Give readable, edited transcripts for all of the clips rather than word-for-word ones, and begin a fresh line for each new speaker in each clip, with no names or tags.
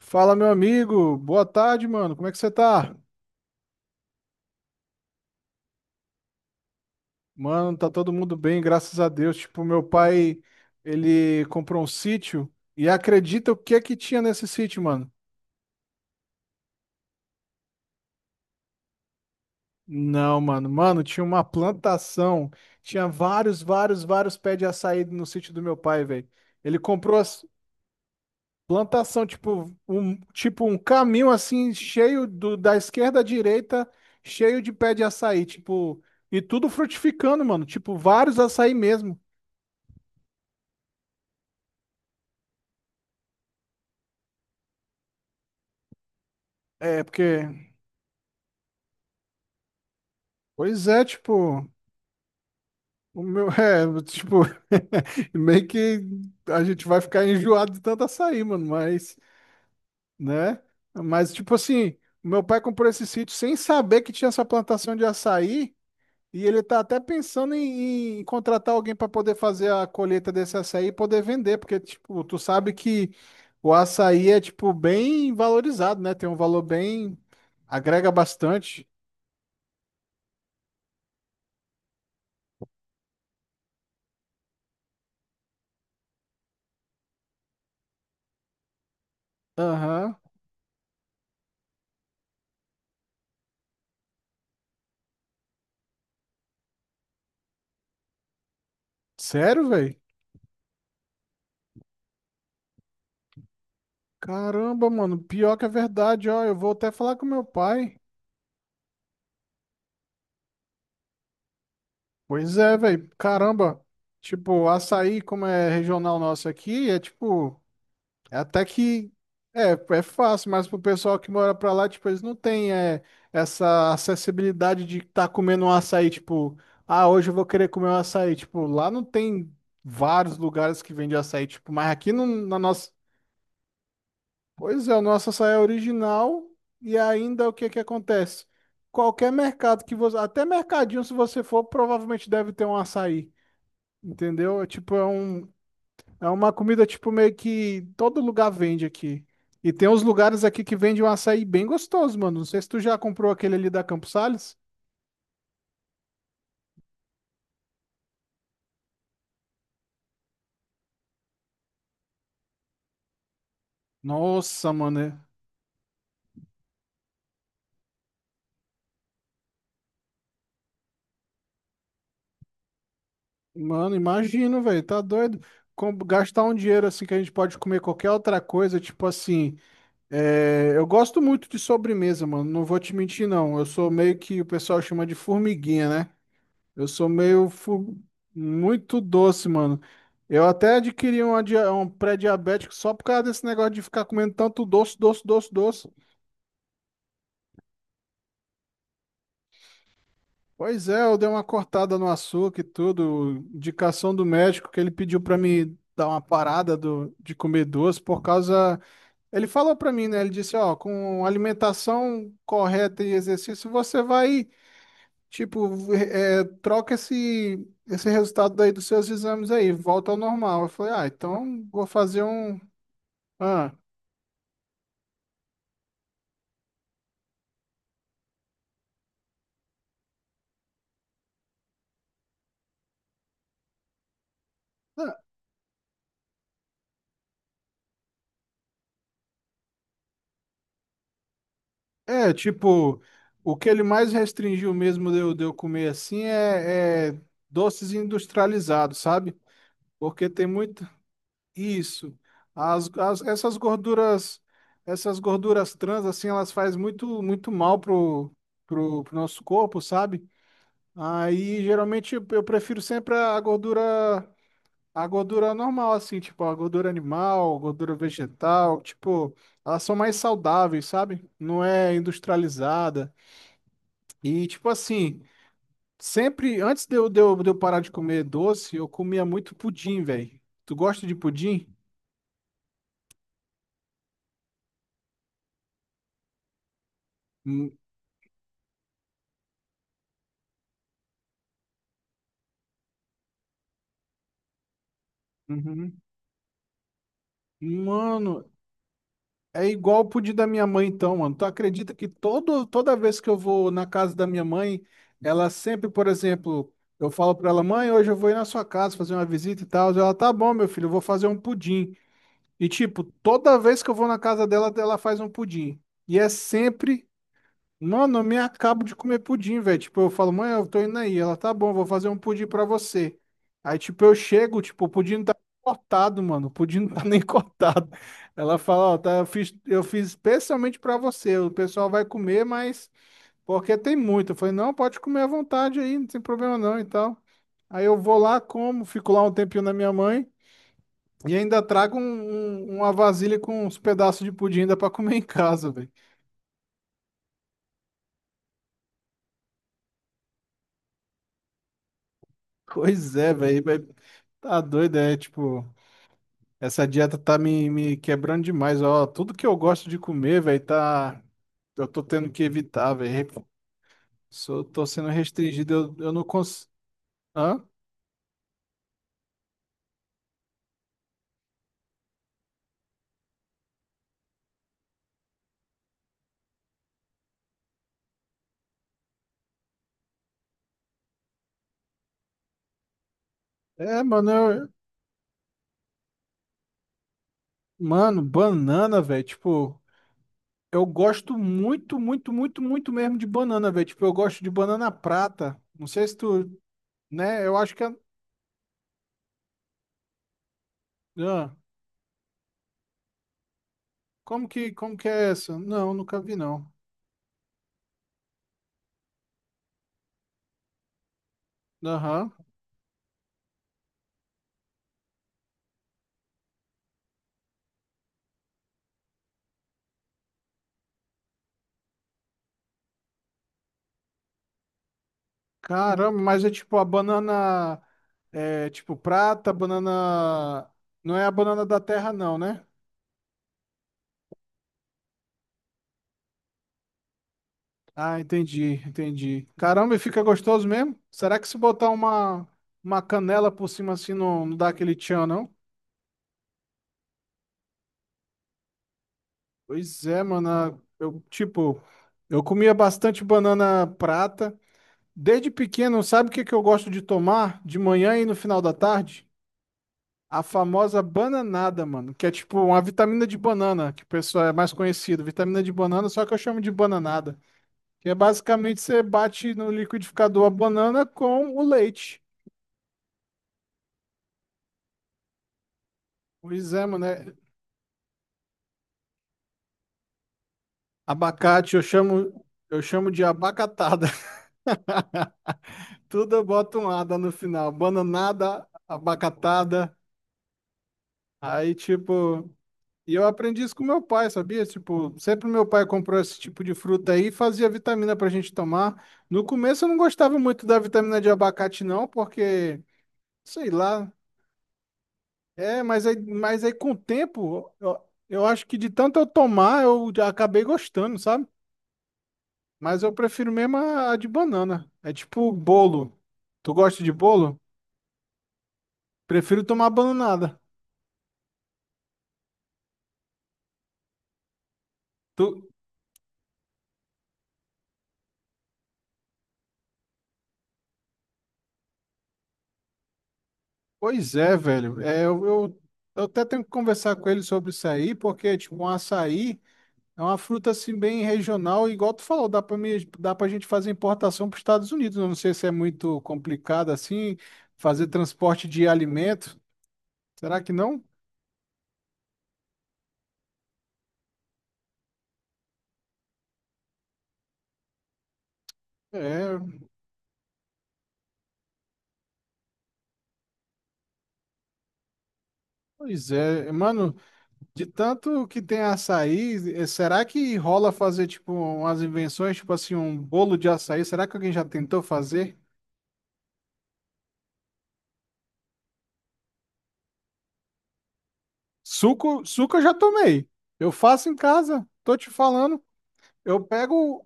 Fala, meu amigo. Boa tarde, mano. Como é que você tá? Mano, tá todo mundo bem, graças a Deus. Tipo, meu pai, ele comprou um sítio e acredita o que é que tinha nesse sítio, mano? Não, mano. Mano, tinha uma plantação. Tinha vários, vários, vários pés de açaí no sítio do meu pai, velho. Ele comprou as plantação, tipo um caminho assim cheio da esquerda à direita, cheio de pé de açaí, tipo, e tudo frutificando, mano, tipo vários açaí mesmo. É, porque. Pois é, tipo. O meu. É, tipo. Meio que a gente vai ficar enjoado de tanto açaí, mano, mas. Né? Mas, tipo assim. Meu pai comprou esse sítio sem saber que tinha essa plantação de açaí. E ele tá até pensando em contratar alguém para poder fazer a colheita desse açaí e poder vender, porque, tipo, tu sabe que o açaí é, tipo, bem valorizado, né? Tem um valor bem. Agrega bastante. Aham. Sério, velho? Caramba, mano, pior que é verdade, ó. Eu vou até falar com meu pai. Pois é, velho. Caramba, tipo, açaí, como é regional nosso aqui, é tipo, é até que é, é fácil, mas pro pessoal que mora pra lá, tipo, eles não têm é, essa acessibilidade de estar comendo um açaí, tipo, ah, hoje eu vou querer comer um açaí. Tipo, lá não tem vários lugares que vende açaí, tipo, mas aqui no, na nossa. Pois é, o nosso açaí é original e ainda o que é que acontece? Qualquer mercado que você, até mercadinho se você for, provavelmente deve ter um açaí, entendeu? É tipo é um, é uma comida tipo meio que todo lugar vende aqui. E tem uns lugares aqui que vendem um açaí bem gostoso, mano. Não sei se tu já comprou aquele ali da Campos Sales. Nossa, mano. Mano, imagino, velho, tá doido. Gastar um dinheiro assim que a gente pode comer qualquer outra coisa, tipo assim. É, eu gosto muito de sobremesa, mano. Não vou te mentir, não. Eu sou meio que o pessoal chama de formiguinha, né? Eu sou meio muito doce, mano. Eu até adquiri um pré-diabético só por causa desse negócio de ficar comendo tanto doce, doce, doce, doce. Pois é, eu dei uma cortada no açúcar e tudo. Indicação do médico que ele pediu pra me dar uma parada de comer doce por causa. Ele falou pra mim, né? Ele disse, ó, com alimentação correta e exercício, você vai. Tipo, troca esse resultado daí dos seus exames aí, volta ao normal. Eu falei, ah, então vou fazer um. Ah. ah, é, tipo, o que ele mais restringiu mesmo de eu comer assim é doces industrializados, sabe? Porque tem muito. Isso. As, as- essas gorduras, essas gorduras trans, assim, elas fazem muito, muito mal pro, pro nosso corpo, sabe? Aí, geralmente, eu prefiro sempre a gordura. A gordura normal, assim, tipo, a gordura animal, gordura vegetal, tipo, elas são mais saudáveis, sabe? Não é industrializada. E, tipo assim, sempre, antes de eu parar de comer doce, eu comia muito pudim, velho. Tu gosta de pudim? Hum. Uhum. Mano, é igual o pudim da minha mãe, então, mano. Tu acredita que toda vez que eu vou na casa da minha mãe, ela sempre, por exemplo, eu falo pra ela, mãe, hoje eu vou ir na sua casa fazer uma visita e tal. Ela, tá bom, meu filho, eu vou fazer um pudim. E, tipo, toda vez que eu vou na casa dela, ela faz um pudim. E é sempre. Mano, eu me acabo de comer pudim, velho. Tipo, eu falo, mãe, eu tô indo aí. Ela, tá bom, vou fazer um pudim pra você. Aí, tipo, eu chego, tipo, o pudim não tá cortado, mano. O pudim não tá nem cortado. Ela fala, ó, tá, eu fiz especialmente pra você. O pessoal vai comer, mas porque tem muito. Eu falei, não, pode comer à vontade aí, não tem problema não e tal. Aí eu vou lá, como, fico lá um tempinho na minha mãe e ainda trago uma vasilha com uns pedaços de pudim ainda pra comer em casa, velho. Pois é, velho. Tá doido, é tipo, essa dieta tá me quebrando demais, ó. Tudo que eu gosto de comer, velho, tá. Eu tô tendo que evitar, velho. Sou, tô sendo restringido, eu não consigo. Hã? É, mano, mano, banana, velho. Tipo, eu gosto muito, muito, muito, muito mesmo de banana, velho. Tipo, eu gosto de banana prata. Não sei se tu, né? Eu acho que é. Hã? Como que é essa? Não, nunca vi, não. Aham. Caramba, mas é tipo a banana é tipo prata, banana. Não é a banana da terra, não, né? Ah, entendi, entendi. Caramba, e fica gostoso mesmo? Será que se botar uma canela por cima assim não, não dá aquele tchan, não? Pois é, mano. Eu, tipo, eu comia bastante banana prata. Desde pequeno, sabe o que que eu gosto de tomar de manhã e no final da tarde? A famosa bananada, mano, que é tipo uma vitamina de banana, que o pessoal é mais conhecido, vitamina de banana, só que eu chamo de bananada, que é basicamente você bate no liquidificador a banana com o leite. Pois é, mano, é abacate, eu chamo de abacatada. Tudo eu boto um ada no final, bananada, abacatada, aí tipo. E eu aprendi isso com meu pai, sabia? Tipo, sempre meu pai comprou esse tipo de fruta aí e fazia vitamina pra gente tomar. No começo eu não gostava muito da vitamina de abacate, não, porque, sei lá. É, mas aí com o tempo, eu acho que de tanto eu tomar, eu já acabei gostando, sabe? Mas eu prefiro mesmo a de banana. É tipo bolo. Tu gosta de bolo? Prefiro tomar bananada. Tu... Pois é, velho. É, eu até tenho que conversar com ele sobre isso aí, porque, tipo, um açaí. É uma fruta assim bem regional, igual tu falou, dá para dá para a gente fazer importação para os Estados Unidos. Eu não sei se é muito complicado assim fazer transporte de alimento. Será que não? É, pois é, mano, de tanto que tem açaí, eh, será que rola fazer tipo umas invenções, tipo assim, um bolo de açaí? Será que alguém já tentou fazer? Suco, suco eu já tomei. Eu faço em casa, tô te falando. Eu pego,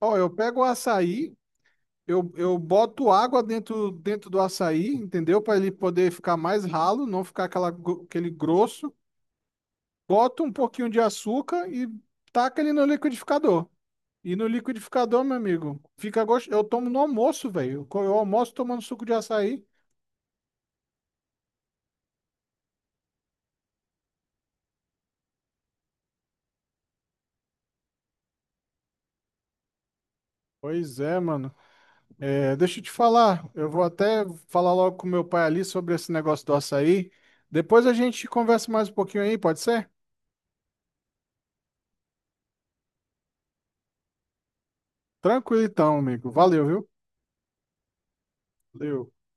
ó, eu pego o açaí. Eu boto água dentro, dentro do açaí, entendeu? Para ele poder ficar mais ralo, não ficar aquela, aquele grosso. Boto um pouquinho de açúcar e taca ele no liquidificador. E no liquidificador, meu amigo, fica gostoso. Eu tomo no almoço, velho. Eu almoço tomando suco de açaí. Pois é, mano. É, deixa eu te falar. Eu vou até falar logo com meu pai ali sobre esse negócio do açaí. Depois a gente conversa mais um pouquinho aí, pode ser? Tranquilo então, amigo. Valeu, viu? Valeu.